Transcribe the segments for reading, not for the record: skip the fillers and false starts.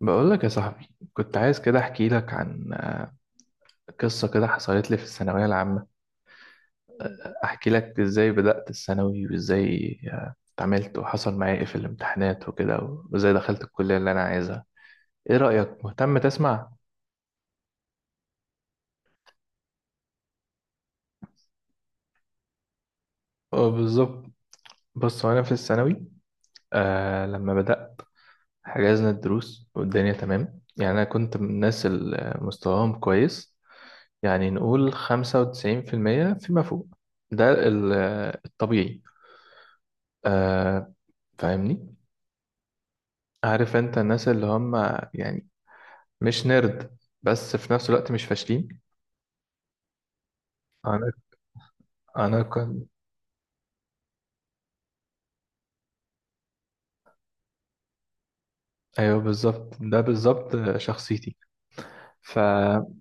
بقول لك يا صاحبي، كنت عايز كده احكي لك عن قصة كده حصلت لي في الثانوية العامة. احكي لك ازاي بدأت الثانوي، وازاي اتعاملت وحصل معايا ايه في الامتحانات وكده، وازاي دخلت الكلية اللي انا عايزها. ايه رأيك، مهتم تسمع؟ اه بالظبط. بص، وانا في الثانوي لما بدأت حجزنا الدروس والدنيا تمام. يعني انا كنت من الناس اللي مستواهم كويس، يعني نقول 95% فيما فوق. ده ال- الطبيعي. آه فاهمني، عارف انت الناس اللي هم يعني مش نرد، بس في نفس الوقت مش فاشلين. انا انا كنت. ايوه بالظبط، ده بالظبط شخصيتي. فجينا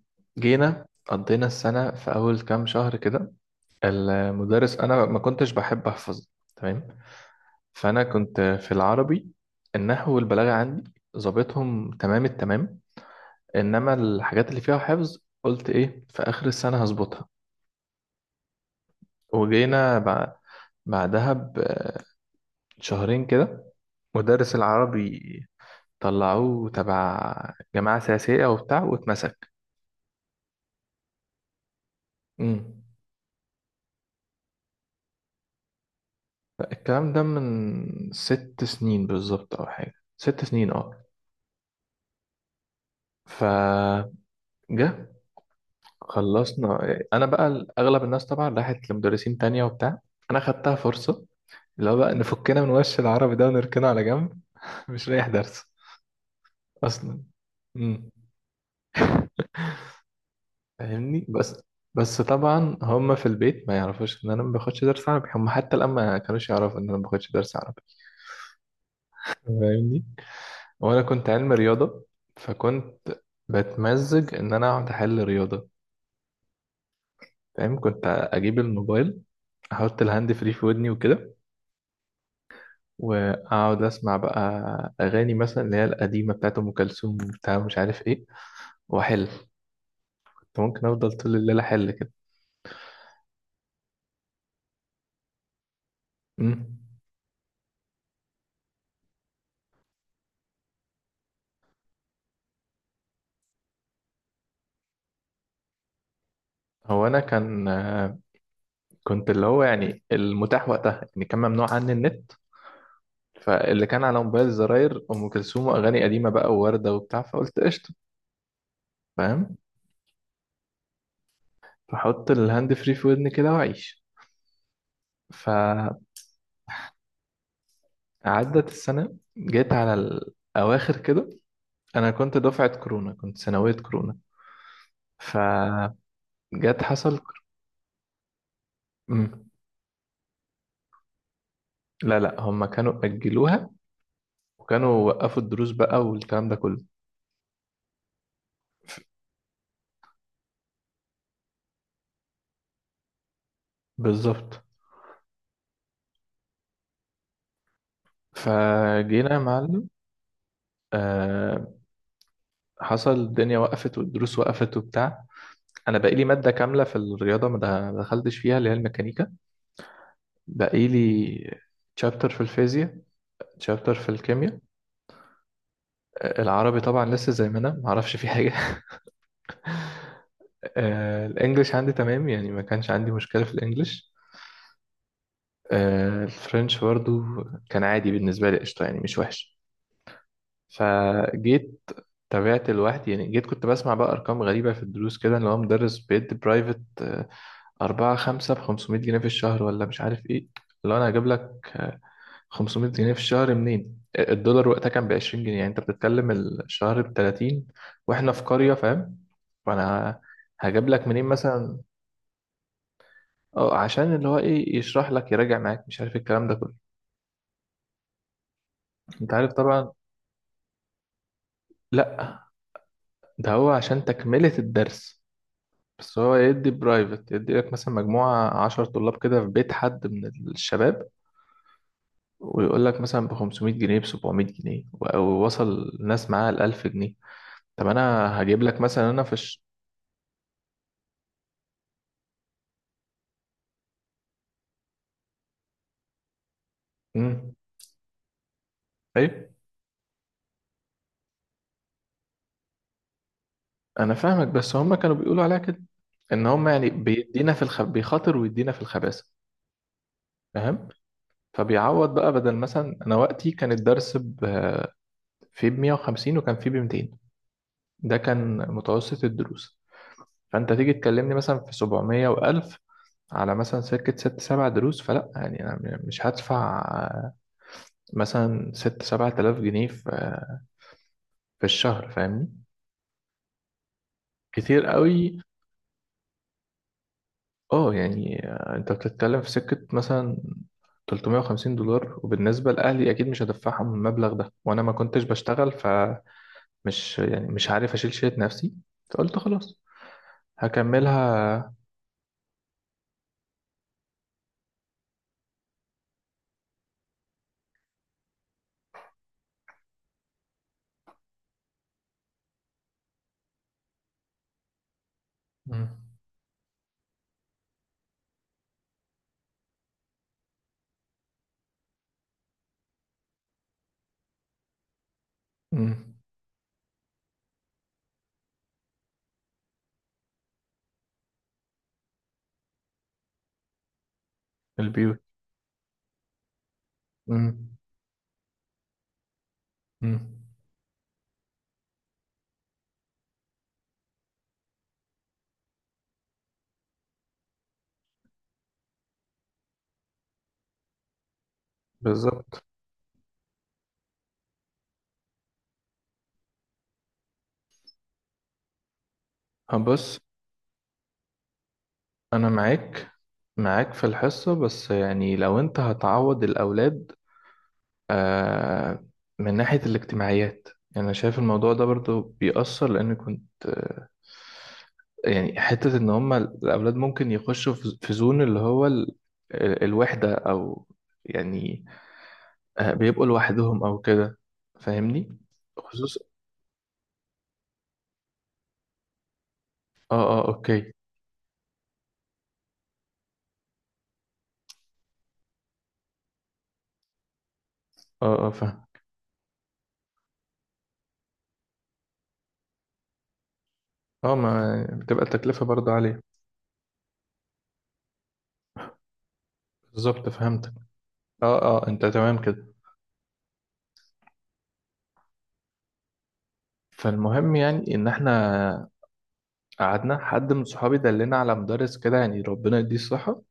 قضينا السنة في أول كام شهر كده، المدرس، أنا ما كنتش بحب أحفظ تمام. فأنا كنت في العربي، النحو والبلاغة عندي ظابطهم تمام التمام. إنما الحاجات اللي فيها حفظ قلت إيه، في آخر السنة هظبطها. وجينا بعدها بشهرين كده مدرس العربي طلعوه تبع جماعة سياسية وبتاع واتمسك. امم. الكلام ده من 6 سنين بالظبط، أو حاجة 6 سنين اه. فجه خلصنا، أنا بقى أغلب الناس طبعا راحت لمدرسين تانية وبتاع، أنا خدتها فرصة، اللي هو بقى نفكنا من وش العربي ده ونركنه على جنب. مش رايح درس أصلا. فاهمني بس. بس طبعا هم في البيت ما يعرفوش ان انا ما باخدش درس عربي، هم حتى الان ما كانوش يعرفوا ان انا ما باخدش درس عربي. فاهمني. وانا كنت علم رياضه، فكنت بتمزج ان انا اقعد احل رياضه. فاهم، كنت اجيب الموبايل، احط الهاند فري في ودني وكده، واقعد اسمع بقى اغاني مثلا، اللي هي القديمه بتاعت ام كلثوم بتاع مش عارف ايه، واحل. كنت ممكن افضل طول الليل احل كده. أمم. هو انا كان كنت اللي هو يعني المتاح وقتها، يعني كان ممنوع عني النت، فاللي كان على موبايل الزراير ام كلثوم واغاني قديمه بقى وورده وبتاع، فقلت قشطه. فاهم. فحط الهاند فري في ودني كده واعيش. فعدت السنه، جيت على الاواخر كده. انا كنت دفعه كورونا، كنت ثانويه كورونا. فجت، حصل. مم. لا لا، هم كانوا اجلوها وكانوا وقفوا الدروس بقى والكلام ده كله. بالظبط. فجينا يا معلم، آه، حصل الدنيا وقفت والدروس وقفت وبتاع. انا بقالي ماده كامله في الرياضه ما دخلتش فيها، اللي هي الميكانيكا. بقالي تشابتر في الفيزياء، تشابتر في الكيمياء. العربي طبعا لسه زي ما انا ما اعرفش فيه حاجه. الانجليش عندي تمام، يعني ما كانش عندي مشكله في الانجليش. الفرنش برضو كان عادي بالنسبه لي، قشطه يعني مش وحش. فجيت تابعت لوحدي، يعني جيت كنت بسمع بقى أرقام غريبة في الدروس كده، اللي هو مدرس بيدي برايفت. أربعة خمسة بخمسمية جنيه في الشهر ولا مش عارف إيه. لو أنا هجيب لك خمسمية جنيه في الشهر منين؟ الدولار وقتها كان ب 20 جنيه، يعني أنت بتتكلم الشهر ب 30، وإحنا في قرية فاهم، وأنا هجيب لك منين مثلا. اه عشان اللي هو ايه، يشرح لك، يراجع معاك، مش عارف إيه الكلام ده كله. انت عارف طبعا. لا، ده هو عشان تكملة الدرس. بس هو يدي برايفت، يدي لك مثلا مجموعة 10 طلاب كده في بيت حد من الشباب، ويقول لك مثلا ب 500 جنيه، ب 700 جنيه، ووصل الناس معاها ل 1000 جنيه. طب أنا هجيب لك مثلا أنا في الش... مم. أيوة. أنا فاهمك، بس هم كانوا بيقولوا عليها كده، إن هم يعني بيدينا في الخ... بيخاطر ويدينا في الخباثة. فاهم. فبيعوض بقى، بدل مثلا أنا وقتي كان الدرس ب... فيه ب 150 وكان فيه ب 200، ده كان متوسط الدروس. فانت تيجي تكلمني مثلا في 700 و1000 على مثلا سكة ست سبع دروس، فلا يعني أنا مش هدفع مثلا ست سبعة آلاف جنيه في في الشهر فاهمني. كتير قوي اه. يعني أنت بتتكلم في سكة مثلا 350 دولار، وبالنسبة لأهلي أكيد مش هدفعهم المبلغ ده، وأنا ما كنتش بشتغل فمش يعني مش عارف أشيل شيء نفسي. فقلت خلاص هكملها. مم. مم. البيوت. مم. مم. بالظبط. هبص، انا معاك، معاك في الحصة، بس يعني لو انت هتعوض الاولاد آه من ناحية الاجتماعيات، يعني انا شايف الموضوع ده برضو بيأثر، لان كنت يعني حتة ان هما الاولاد ممكن يخشوا في في زون اللي هو الوحدة او يعني بيبقوا لوحدهم او كده. فاهمني. خصوصا. اه، اه اوكي. اه اه فاهم. اه، ما بتبقى التكلفة برضه عالية. بالظبط فهمتك. اه اه، انت تمام كده. فالمهم، يعني ان احنا قعدنا، حد من صحابي دلنا على مدرس كده يعني ربنا يديه الصحه.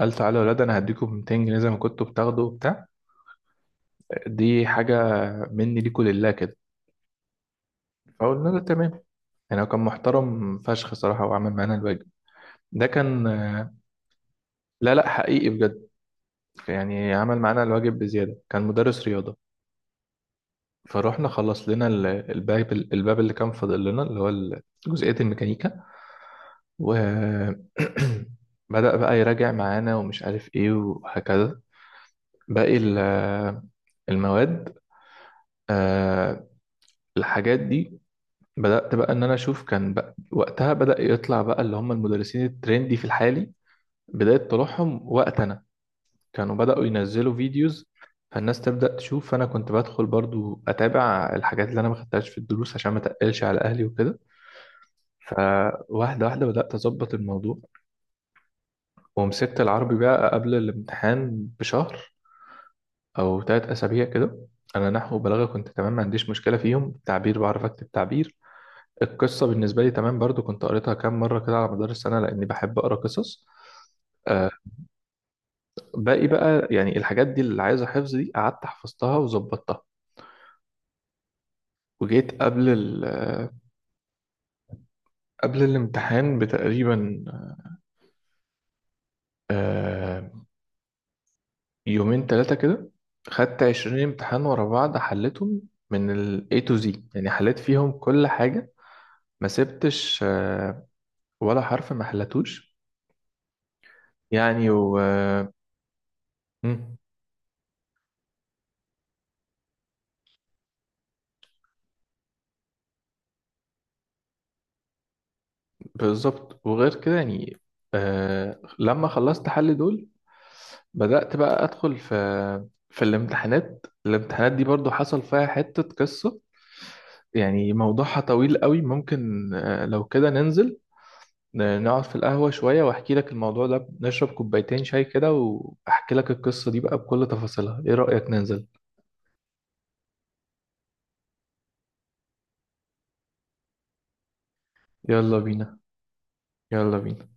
قال تعالوا يا ولاد، انا هديكم 200 جنيه زي ما كنتوا بتاخدوا وبتاع. دي حاجه مني ليكوا لله كده. فقلنا له تمام. يعني هو كان محترم فشخ صراحه، وعمل معانا الواجب. ده كان. لا لا، حقيقي بجد. يعني عمل معانا الواجب بزياده، كان مدرس رياضه. فروحنا خلص لنا الباب اللي كان فاضل لنا اللي هو جزئية الميكانيكا. و بدأ بقى يراجع معانا ومش عارف ايه وهكذا باقي المواد. آه، الحاجات دي بدأت بقى ان انا اشوف، كان بقى وقتها بدأ يطلع بقى اللي هم المدرسين الترندي في الحالي، بداية طلوعهم وقت انا كانوا بدأوا ينزلوا فيديوز، فالناس تبدأ تشوف. فانا كنت بدخل برضو اتابع الحاجات اللي انا ما خدتهاش في الدروس عشان ما تقلش على اهلي وكده. فواحدة واحدة بدأت أظبط الموضوع. ومسكت العربي بقى قبل الامتحان بشهر أو تلات أسابيع كده. أنا نحو وبلاغة كنت تمام، ما عنديش مشكلة فيهم. تعبير بعرف أكتب تعبير. القصة بالنسبة لي تمام برضو، كنت قريتها كام مرة كده على مدار السنة لأني بحب أقرأ قصص. آه، باقي بقى يعني الحاجات دي اللي عايزة حفظ دي قعدت حفظتها وظبطتها. وجيت قبل ال قبل الامتحان بتقريبا آه، يومين تلاتة كده، خدت 20 امتحان ورا بعض حليتهم من ال A to Z. يعني حليت فيهم كل حاجة، ما سبتش ولا حرف ما حلتوش. يعني و مم، بالظبط. وغير كده يعني لما خلصت حل دول بدأت بقى أدخل في في الامتحانات. الامتحانات دي برضو حصل فيها حتة قصة. يعني موضوعها طويل قوي، ممكن لو كده ننزل نقعد في القهوة شوية وأحكي لك الموضوع ده، نشرب كوبايتين شاي كده وأحكي لك القصة دي بقى بكل تفاصيلها. إيه رأيك، ننزل؟ يلا بينا. يلا بينا.